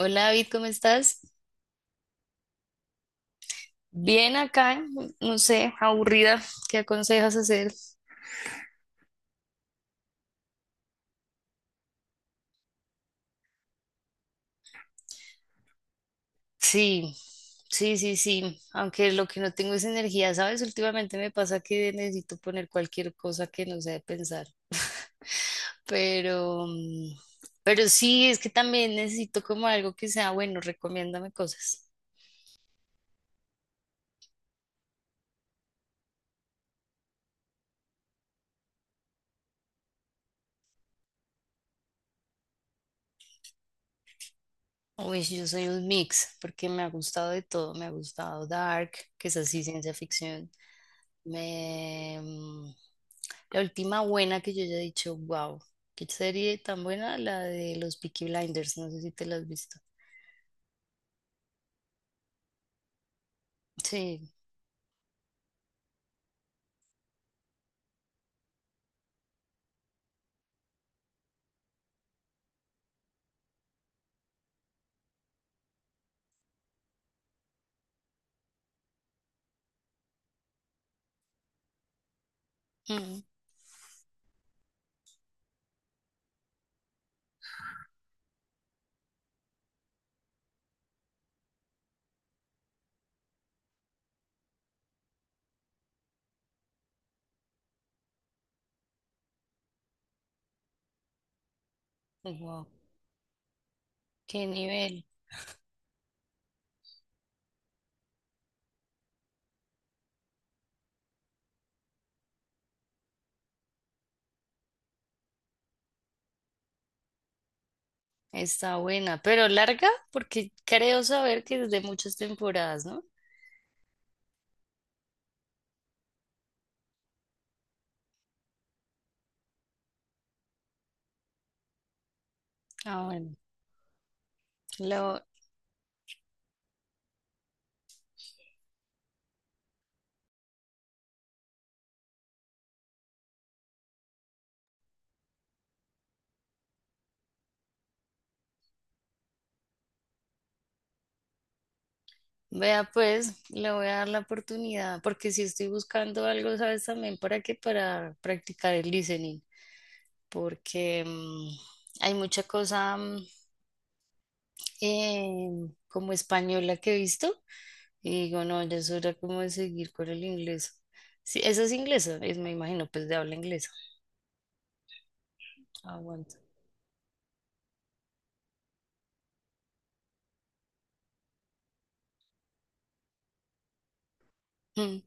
Hola David, ¿cómo estás? Bien acá, no sé, aburrida. ¿Qué aconsejas hacer? Sí, sí. Aunque lo que no tengo es energía, ¿sabes? Últimamente me pasa que necesito poner cualquier cosa que no sea de pensar. Pero, mm, pero sí, es que también necesito como algo que sea bueno, recomiéndame cosas. Uy, sí, yo soy un mix, porque me ha gustado de todo. Me ha gustado Dark, que es así ciencia ficción. Me... mm, La última buena que yo haya dicho, wow, qué serie tan buena, la de los Peaky Blinders, no sé si te la has visto. Sí, wow, qué nivel, está buena, pero larga, porque creo saber que es de muchas temporadas, ¿no? Ah, bueno, lo, vea pues, le voy a dar la oportunidad, porque si estoy buscando algo, ¿sabes también para qué? Para practicar el listening, porque hay mucha cosa. Eh, Como española que he visto. Y digo, no, ya es hora como de seguir con el inglés. Sí, esa es inglesa, es, me imagino, pues de habla inglesa. Aguanta. Mm.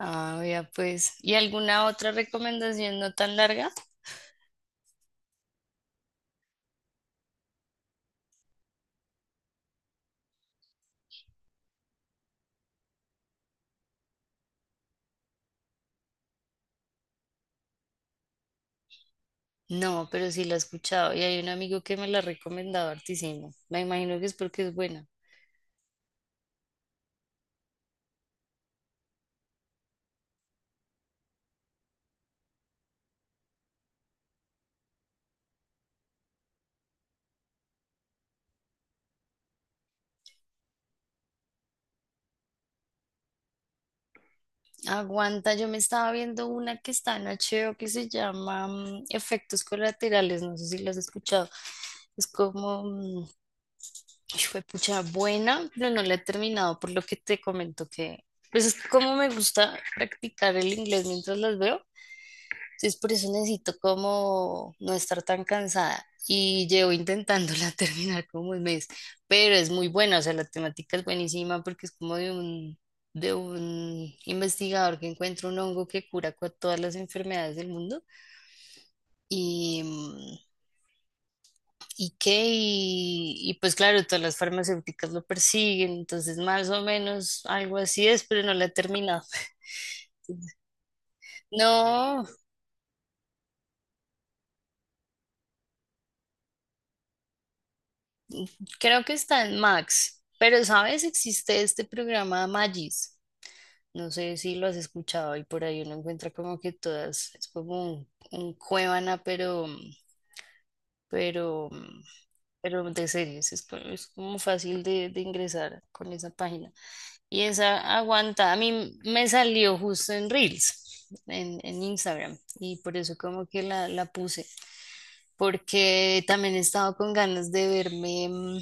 Ah, ya pues. ¿Y alguna otra recomendación no tan larga? No, pero sí la he escuchado. Y hay un amigo que me la ha recomendado hartísimo. Me imagino que es porque es buena. Aguanta, yo me estaba viendo una que está en HBO que se llama Efectos Colaterales. No sé si la has escuchado. Es como, mm, Fue pucha buena, pero no la he terminado por lo que te comento que, pues es que como me gusta practicar el inglés mientras las veo, entonces por eso necesito como no estar tan cansada y llevo intentándola terminar como 1 mes, pero es muy buena, o sea, la temática es buenísima porque es como de un investigador que encuentra un hongo que cura todas las enfermedades del mundo. ¿Y qué? Y pues claro, todas las farmacéuticas lo persiguen, entonces más o menos algo así es, pero no la he terminado. No, creo que está en Max, pero ¿sabes? Existe este programa Magis. No sé si lo has escuchado y por ahí uno encuentra como que todas, es como un Cuevana, pero, pero de series, es, es como fácil de ingresar con esa página. Y esa aguanta, a mí me salió justo en Reels, en Instagram, y por eso como que la puse, porque también he estado con ganas de verme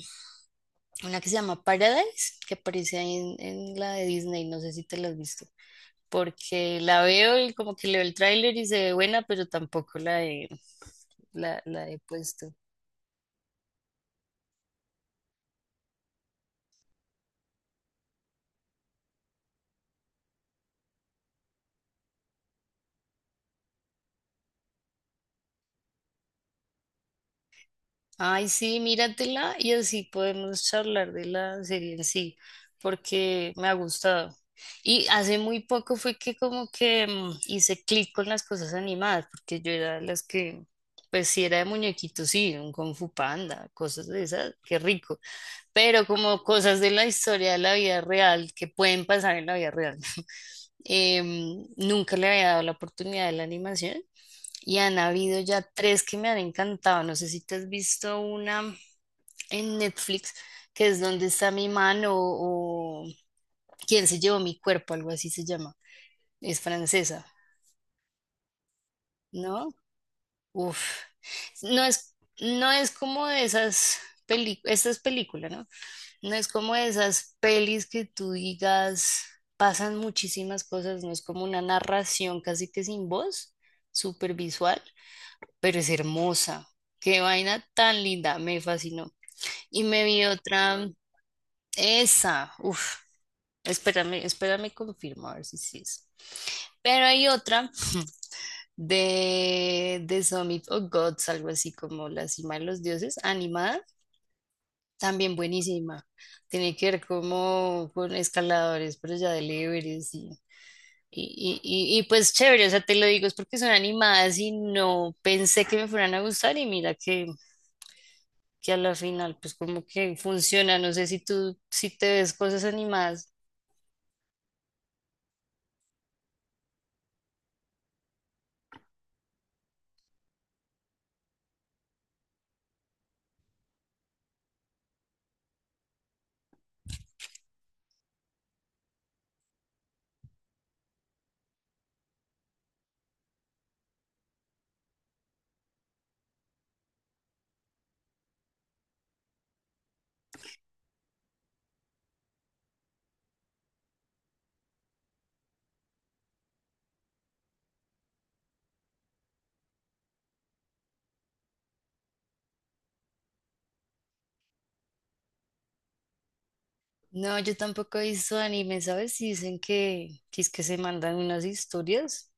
una que se llama Paradise, que aparece ahí en la de Disney, no sé si te la has visto, porque la veo y como que leo el tráiler y se ve buena, pero tampoco la he, la he puesto. Ay, sí, míratela y así podemos charlar de la serie en sí, porque me ha gustado. Y hace muy poco fue que como que hice clic con las cosas animadas, porque yo era de las que, pues sí era de muñequitos, sí, un Kung Fu Panda, cosas de esas, qué rico. Pero como cosas de la historia de la vida real, que pueden pasar en la vida real. Nunca le había dado la oportunidad de la animación y han habido ya tres que me han encantado. No sé si te has visto una en Netflix, que es Donde está mi mano o Quién se llevó mi cuerpo, algo así se llama. Es francesa, ¿no? Uf. No es como de esas películas, esta es película, ¿no? No es como de esas pelis que tú digas, pasan muchísimas cosas, no es como una narración casi que sin voz, súper visual pero es hermosa. Qué vaina tan linda, me fascinó. Y me vi otra, esa, uff, espérame, espérame, confirmo, a ver si sí es. Pero hay otra de The Summit of Gods, algo así como La Cima de los Dioses, animada, también buenísima. Tiene que ver como con escaladores, pero ya del Everest y pues chévere, o sea, te lo digo, es porque son animadas y no pensé que me fueran a gustar y mira que a la final pues como que funciona. No sé si tú, si te ves cosas animadas. No, yo tampoco he visto anime, ¿sabes? Y dicen que es que se mandan unas historias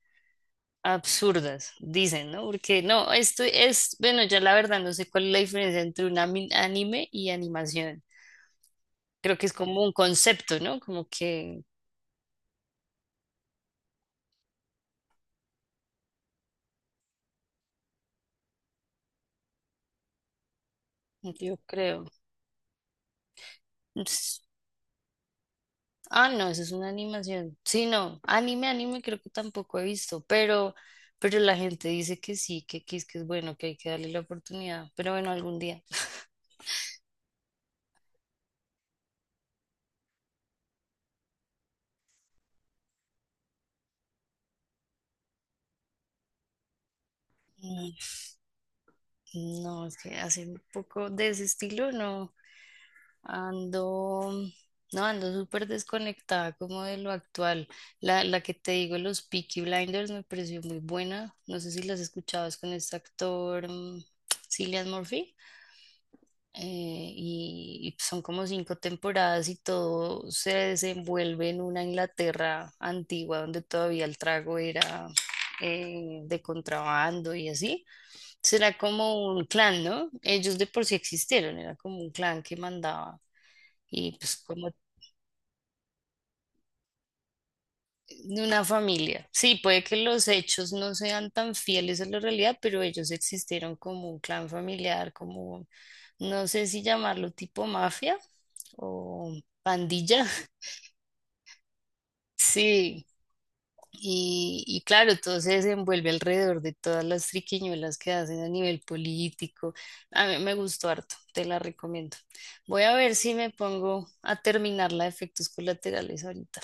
absurdas, dicen, ¿no? Porque no, esto es, bueno, ya la verdad no sé cuál es la diferencia entre un anime y animación. Creo que es como un concepto, ¿no? Como que yo creo. Ah, no, eso es una animación. Sí, no, anime creo que tampoco he visto, pero la gente dice que sí, que es bueno, que hay que darle la oportunidad, pero bueno, algún día. Mm, No, es que hace un poco de ese estilo, no, ando, no, ando súper desconectada como de lo actual. La que te digo, los Peaky Blinders me pareció muy buena, no sé si las escuchabas con este actor, Cillian Murphy. Y son como 5 temporadas y todo se desenvuelve en una Inglaterra antigua donde todavía el trago era de contrabando y así. Será como un clan, ¿no? Ellos de por sí existieron, era como un clan que mandaba y pues como de una familia. Sí, puede que los hechos no sean tan fieles a la realidad, pero ellos existieron como un clan familiar, como, no sé si llamarlo tipo mafia o pandilla. Sí, y claro, todo se desenvuelve alrededor de todas las triquiñuelas que hacen a nivel político. A mí me gustó harto, te la recomiendo. Voy a ver si me pongo a terminar la de efectos colaterales ahorita.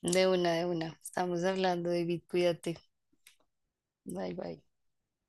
De una, de una. Estamos hablando, David, cuídate. Bye, bye.